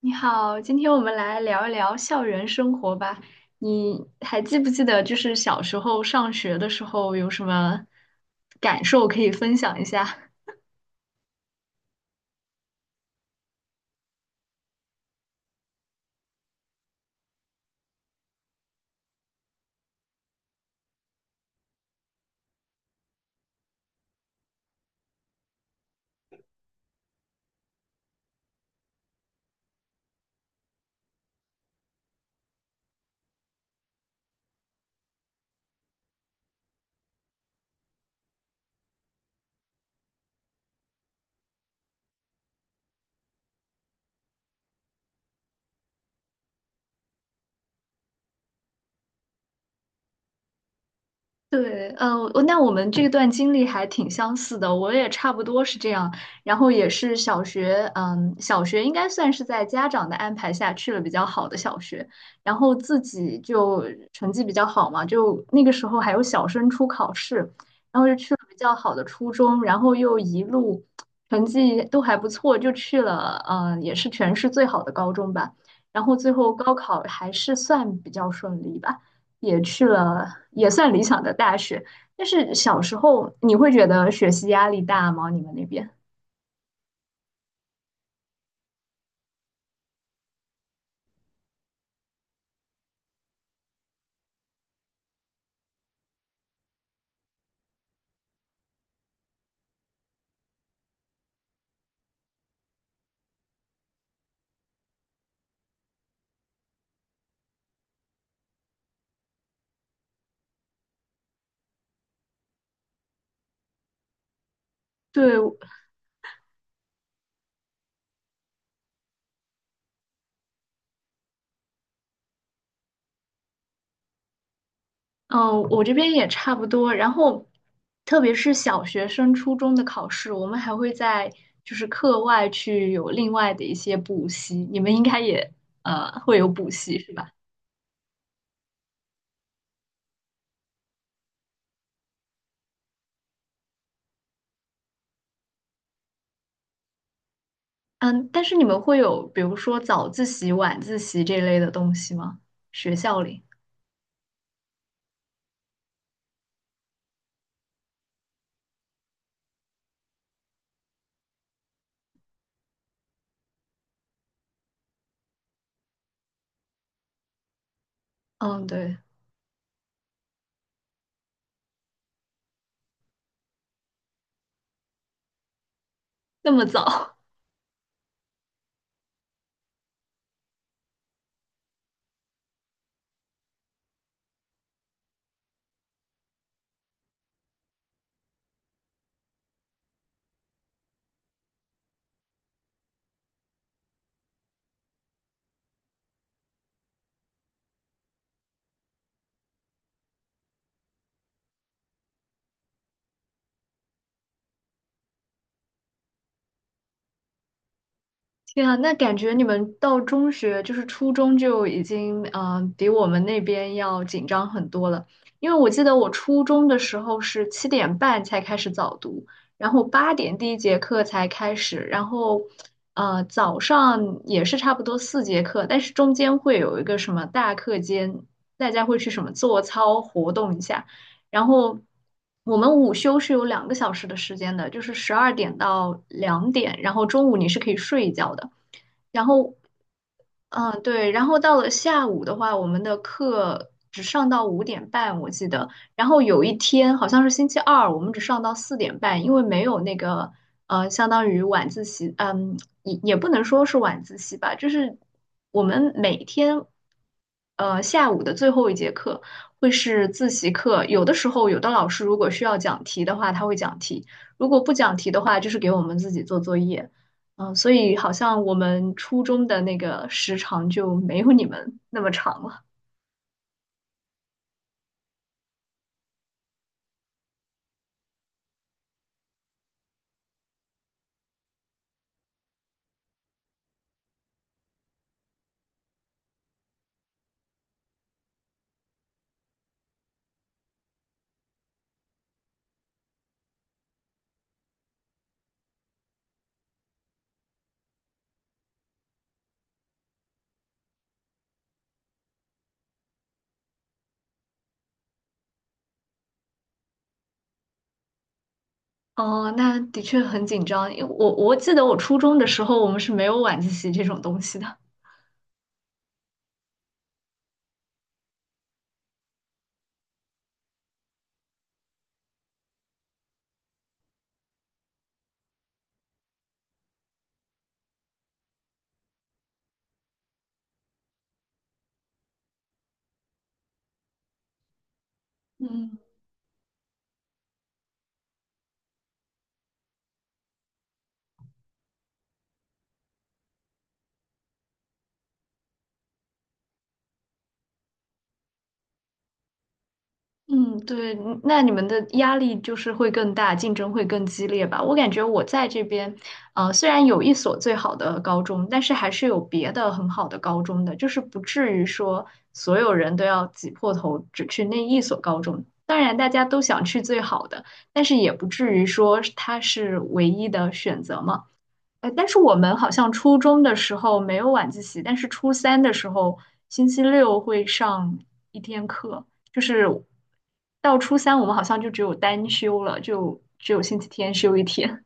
你好，今天我们来聊一聊校园生活吧。你还记不记得，就是小时候上学的时候有什么感受可以分享一下？对，我们这段经历还挺相似的，我也差不多是这样，然后也是小学应该算是在家长的安排下去了比较好的小学，然后自己就成绩比较好嘛，就那个时候还有小升初考试，然后就去了比较好的初中，然后又一路成绩都还不错，就去了，也是全市最好的高中吧，然后最后高考还是算比较顺利吧。也去了也算理想的大学。但是小时候你会觉得学习压力大吗？你们那边？对，嗯，我这边也差不多。然后，特别是小学生、初中的考试，我们还会在就是课外去有另外的一些补习。你们应该也会有补习是吧？嗯，但是你们会有比如说早自习、晚自习这类的东西吗？学校里？嗯，对，那么早。天啊，那感觉你们到中学，就是初中就已经，比我们那边要紧张很多了。因为我记得我初中的时候是七点半才开始早读，然后八点第一节课才开始，然后，早上也是差不多四节课，但是中间会有一个什么大课间，大家会去什么做操活动一下，然后。我们午休是有两个小时的时间的，就是十二点到两点，然后中午你是可以睡一觉的。然后，对，然后到了下午的话，我们的课只上到五点半，我记得。然后有一天好像是星期二，我们只上到四点半，因为没有那个相当于晚自习，也不能说是晚自习吧，就是我们每天下午的最后一节课会是自习课，有的时候有的老师如果需要讲题的话，他会讲题；如果不讲题的话，就是给我们自己做作业。嗯，所以好像我们初中的那个时长就没有你们那么长了。哦，那的确很紧张，因为我记得我初中的时候，我们是没有晚自习这种东西的。嗯。嗯，对，那你们的压力就是会更大，竞争会更激烈吧？我感觉我在这边，虽然有一所最好的高中，但是还是有别的很好的高中的，就是不至于说所有人都要挤破头只去那一所高中。当然，大家都想去最好的，但是也不至于说它是唯一的选择嘛。哎，但是我们好像初中的时候没有晚自习，但是初三的时候，星期六会上一天课，就是到初三我们好像就只有单休了，就只有星期天休一天。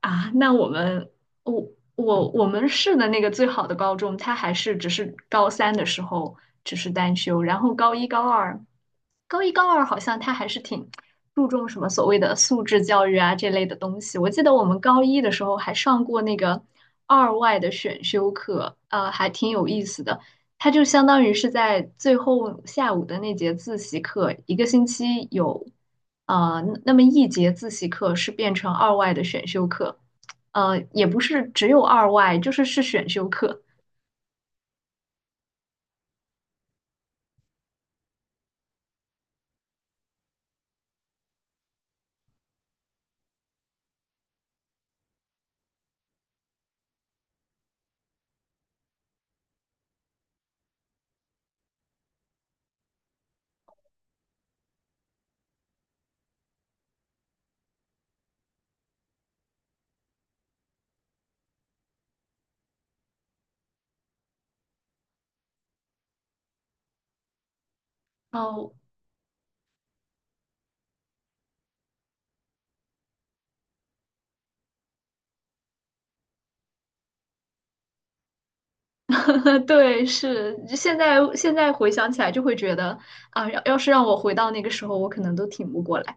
啊，那我们我我我们市的那个最好的高中，它还是只是高三的时候只是单修，然后高一高二，高一高二好像它还是挺注重什么所谓的素质教育啊这类的东西。我记得我们高一的时候还上过那个二外的选修课，还挺有意思的。他就相当于是在最后下午的那节自习课，一个星期有，那么一节自习课是变成二外的选修课，也不是只有二外，就是是选修课。哦，对，是现在回想起来就会觉得啊，要是让我回到那个时候，我可能都挺不过来。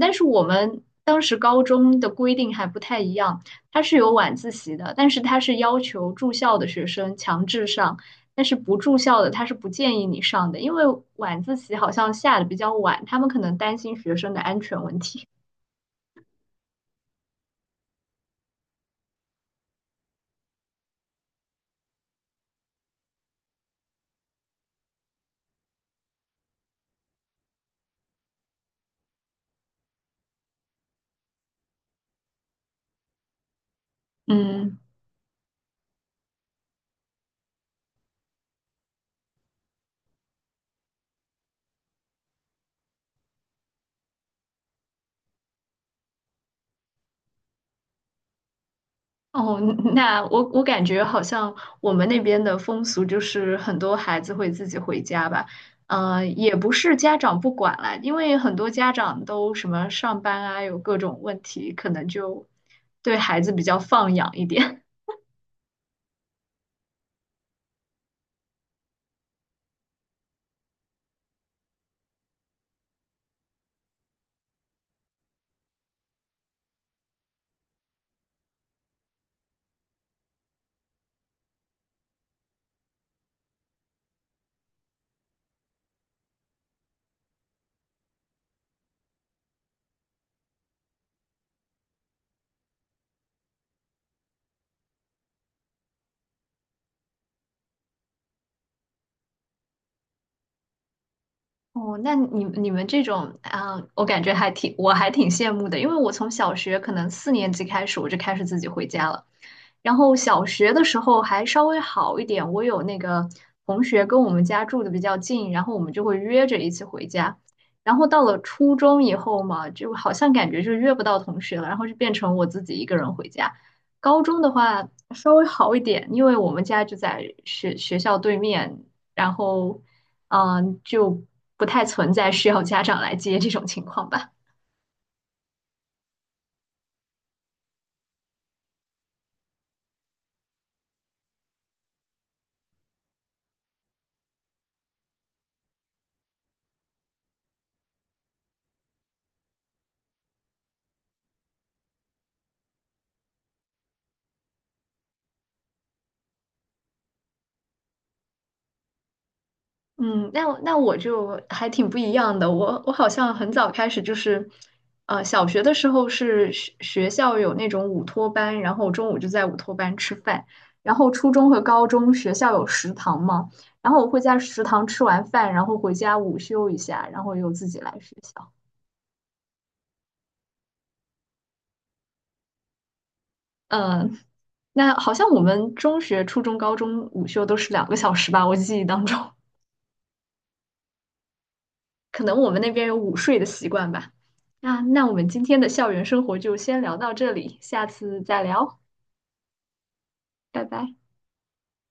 但是我们当时高中的规定还不太一样，它是有晚自习的，但是它是要求住校的学生强制上，但是不住校的他是不建议你上的，因为晚自习好像下的比较晚，他们可能担心学生的安全问题。嗯。哦，那我感觉好像我们那边的风俗就是很多孩子会自己回家吧，也不是家长不管啦，因为很多家长都什么上班啊，有各种问题，可能就对孩子比较放养一点。哦，那你们这种啊，我感觉还挺，我还挺羡慕的，因为我从小学可能四年级开始，我就开始自己回家了。然后小学的时候还稍微好一点，我有那个同学跟我们家住的比较近，然后我们就会约着一起回家。然后到了初中以后嘛，就好像感觉就约不到同学了，然后就变成我自己一个人回家。高中的话稍微好一点，因为我们家就在学校对面，然后。嗯，就不太存在需要家长来接这种情况吧。嗯，那我就还挺不一样的。我好像很早开始就是，小学的时候是学校有那种午托班，然后中午就在午托班吃饭。然后初中和高中学校有食堂嘛，然后我会在食堂吃完饭，然后回家午休一下，然后又自己来学校。嗯，那好像我们中学、初中、高中午休都是两个小时吧，我记忆当中。可能我们那边有午睡的习惯吧。啊，那我们今天的校园生活就先聊到这里，下次再聊，拜拜。